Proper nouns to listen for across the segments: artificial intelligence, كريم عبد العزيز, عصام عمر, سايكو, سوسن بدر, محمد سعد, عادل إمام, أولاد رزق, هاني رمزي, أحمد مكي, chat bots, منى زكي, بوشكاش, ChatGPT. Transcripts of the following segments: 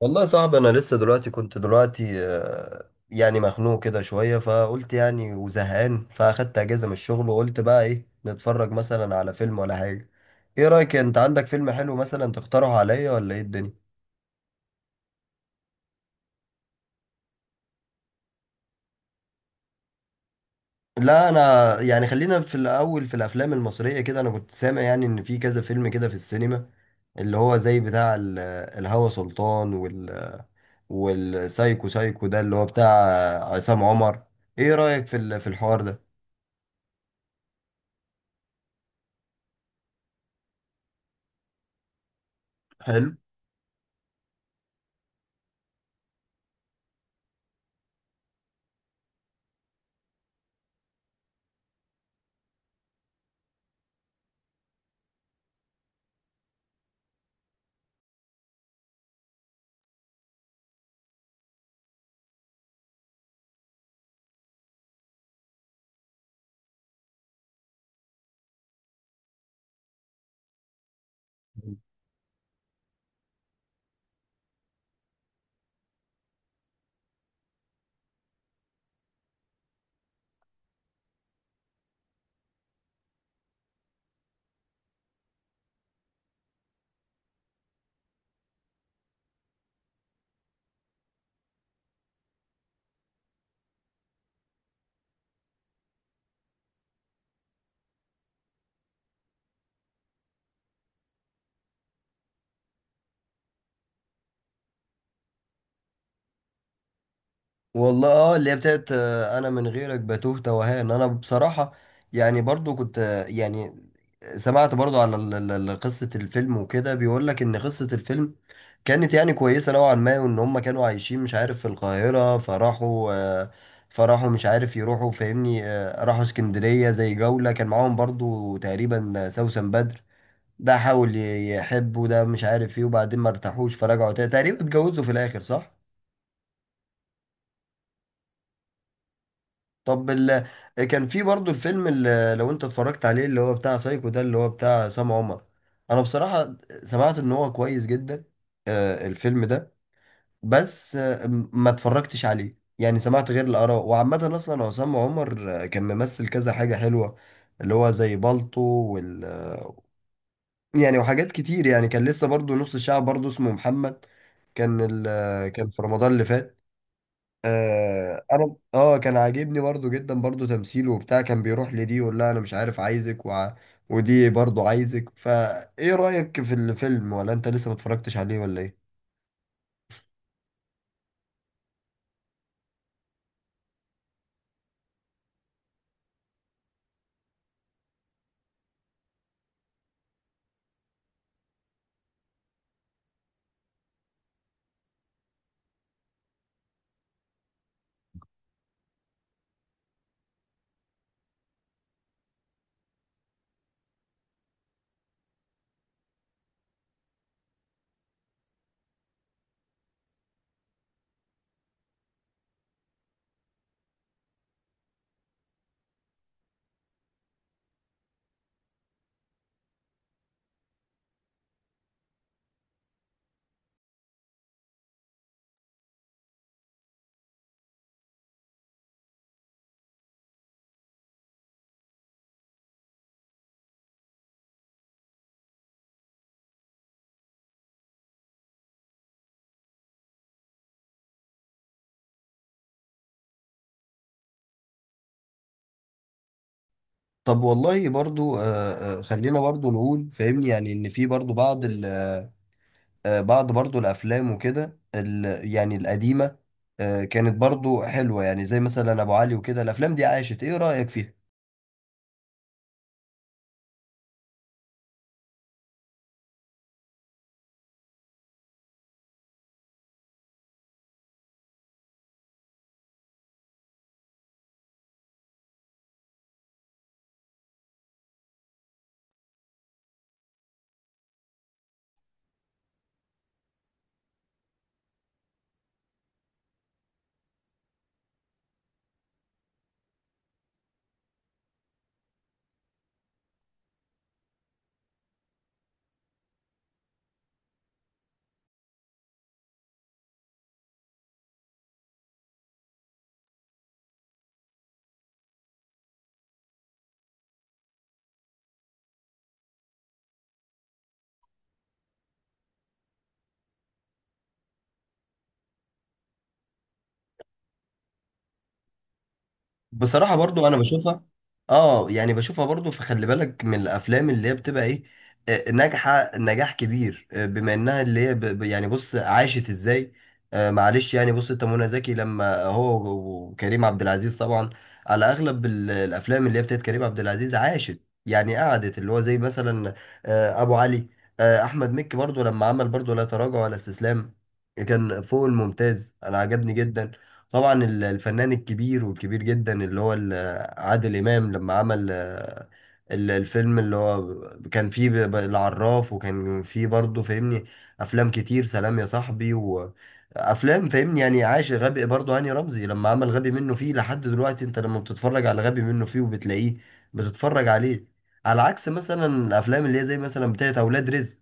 والله صعب. انا لسه دلوقتي كنت دلوقتي، مخنوق كده شويه، فقلت يعني وزهقان، فاخدت اجازه من الشغل وقلت بقى ايه، نتفرج مثلا على فيلم ولا حاجه. ايه رايك؟ انت عندك فيلم حلو مثلا تقترحه عليا، ولا ايه الدنيا؟ لا انا يعني خلينا في الاول في الافلام المصريه كده. انا كنت سامع يعني ان في كذا فيلم كده في السينما، اللي هو زي بتاع الهوى سلطان، والسايكو. سايكو ده اللي هو بتاع عصام عمر. ايه رايك في الحوار ده؟ حلو. والله اه، اللي هي بتاعت انا من غيرك، بتوه توهان انا بصراحة. يعني برضو كنت، سمعت برضو على قصة الفيلم وكده. بيقول لك ان قصة الفيلم كانت يعني كويسة نوعا ما، وان هم كانوا عايشين مش عارف في القاهرة، فراحوا، مش عارف يروحوا، فاهمني راحوا اسكندرية زي جولة. كان معاهم برضو تقريبا سوسن بدر. ده حاول يحب، وده مش عارف ايه، وبعدين ما ارتاحوش فرجعوا تاني، تقريبا اتجوزوا في الاخر، صح؟ طب كان في برضو الفيلم اللي لو انت اتفرجت عليه، اللي هو بتاع سايكو ده، اللي هو بتاع عصام عمر. انا بصراحة سمعت ان هو كويس جدا، الفيلم ده. بس ما اتفرجتش عليه، يعني سمعت غير الآراء. وعامة اصلا عصام عمر كان ممثل كذا حاجة حلوة، اللي هو زي بالطو وال يعني وحاجات كتير. يعني كان لسه برضو نص الشعب برضو اسمه محمد، كان ال... آه، كان في رمضان اللي فات. آه انا اه، كان عاجبني برضو جدا برضو تمثيله وبتاع. كان بيروح لدي يقول لها انا مش عارف عايزك ودي برضو عايزك. فايه رأيك في الفيلم؟ ولا انت لسه ما اتفرجتش عليه، ولا ايه؟ طب والله برضو خلينا برضو نقول فاهمني، يعني ان في برضو بعض برضو الافلام وكده ال... يعني القديمة آه كانت برضو حلوة، يعني زي مثلا ابو علي وكده. الافلام دي عاشت، ايه رأيك فيها؟ بصراحة برضو أنا بشوفها، آه يعني بشوفها برضو. فخلي بالك من الأفلام اللي هي بتبقى إيه، ناجحة نجاح كبير، بما إنها اللي هي يعني بص، عاشت إزاي. معلش يعني بص، أنت منى زكي لما وكريم عبد العزيز طبعا على أغلب الأفلام اللي هي بتاعت كريم عبد العزيز، عاشت يعني قعدت، اللي هو زي مثلا أبو علي. أحمد مكي برضو لما عمل برضو لا تراجع ولا استسلام، كان فوق الممتاز، أنا عجبني جدا. طبعا الفنان الكبير والكبير جدا اللي هو عادل إمام لما عمل الفيلم اللي هو كان فيه العراف، وكان فيه برضه فاهمني أفلام كتير: سلام يا صاحبي، وأفلام فاهمني يعني. عاش غبي برضه، هاني رمزي لما عمل غبي منه فيه. لحد دلوقتي أنت لما بتتفرج على غبي منه فيه وبتلاقيه، بتتفرج عليه. على عكس مثلا الأفلام اللي هي زي مثلا بتاعت أولاد رزق.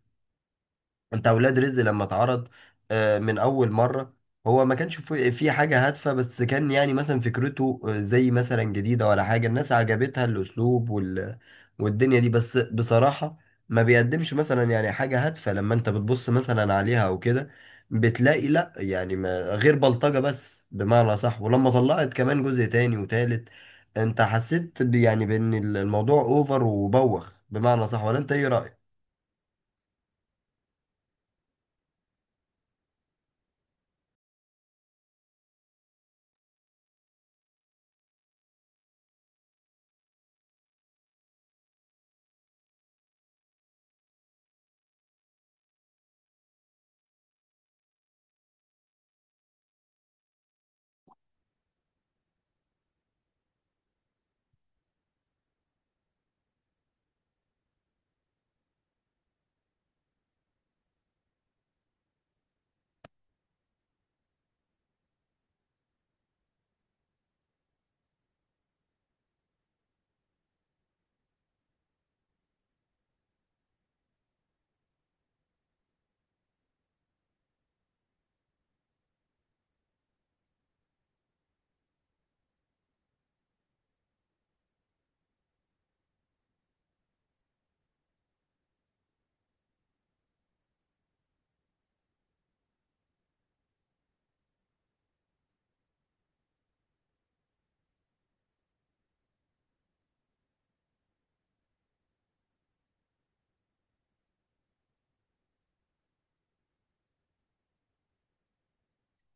انت اولاد رزق لما اتعرض من اول مره، هو ما كانش في في حاجه هادفه، بس كان يعني مثلا فكرته زي مثلا جديده ولا حاجه، الناس عجبتها الاسلوب والدنيا دي. بس بصراحه ما بيقدمش مثلا يعني حاجه هادفه. لما انت بتبص مثلا عليها او كده، بتلاقي لا يعني ما غير بلطجه بس، بمعنى صح. ولما طلعت كمان جزء تاني وتالت، انت حسيت يعني بان الموضوع اوفر وبوخ، بمعنى صح، ولا انت ايه رايك؟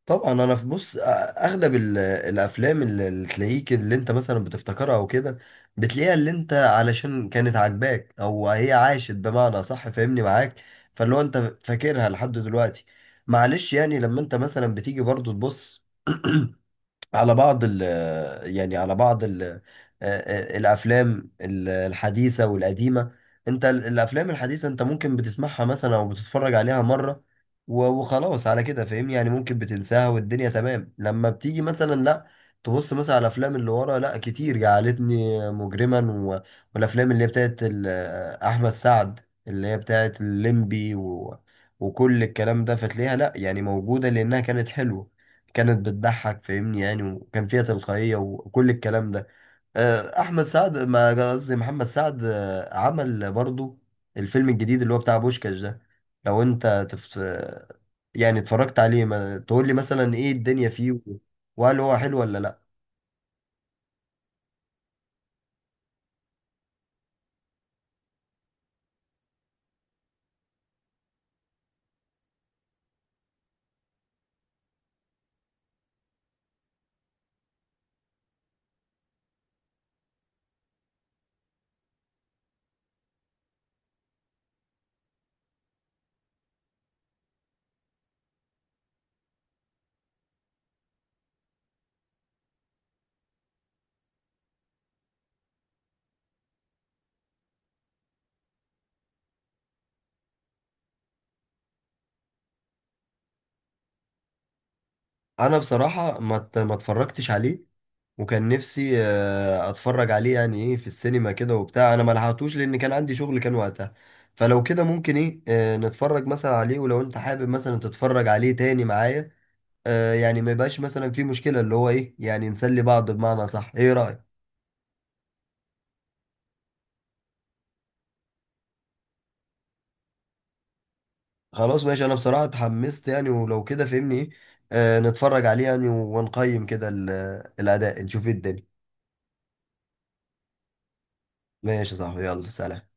طبعا انا في بص، اغلب الافلام اللي تلاقيك اللي انت مثلا بتفتكرها او كده، بتلاقيها اللي انت علشان كانت عاجباك، او هي عاشت بمعنى صح، فاهمني معاك، فاللي هو انت فاكرها لحد دلوقتي. معلش يعني لما انت مثلا بتيجي برضو تبص على بعض ال آه، آه، الافلام الحديثه والقديمه. انت الافلام الحديثه انت ممكن بتسمعها مثلا او بتتفرج عليها مره وخلاص على كده، فاهمني يعني ممكن بتنساها والدنيا تمام. لما بتيجي مثلا لا تبص مثلا على الافلام اللي ورا، لا كتير: جعلتني مجرما، والافلام اللي هي بتاعت احمد سعد، اللي هي بتاعت الليمبي وكل الكلام ده. فتلاقيها لا يعني موجوده لانها كانت حلوه، كانت بتضحك فاهمني، يعني وكان فيها تلقائية وكل الكلام ده. أحمد سعد، ما قصدي محمد سعد، عمل برضو الفيلم الجديد اللي هو بتاع بوشكاش ده. لو أنت تف... آه، يعني اتفرجت عليه، ما تقول لي مثلا إيه الدنيا فيه وهل هو حلو ولا لأ؟ أنا بصراحة ما اتفرجتش عليه، وكان نفسي اتفرج عليه يعني ايه في السينما كده وبتاع، انا ما لحقتوش لان كان عندي شغل كان وقتها. فلو كده ممكن ايه نتفرج مثلا عليه، ولو انت حابب مثلا تتفرج عليه تاني معايا، يعني ما يبقاش مثلا في مشكلة اللي هو ايه، يعني نسلي بعض بمعنى صح. ايه رأيك؟ خلاص ماشي، انا بصراحة اتحمست يعني، ولو كده فهمني ايه، نتفرج عليه يعني ونقيم كده الاداء، نشوف ايه الدنيا. ماشي يا صاحبي، يلا سلام.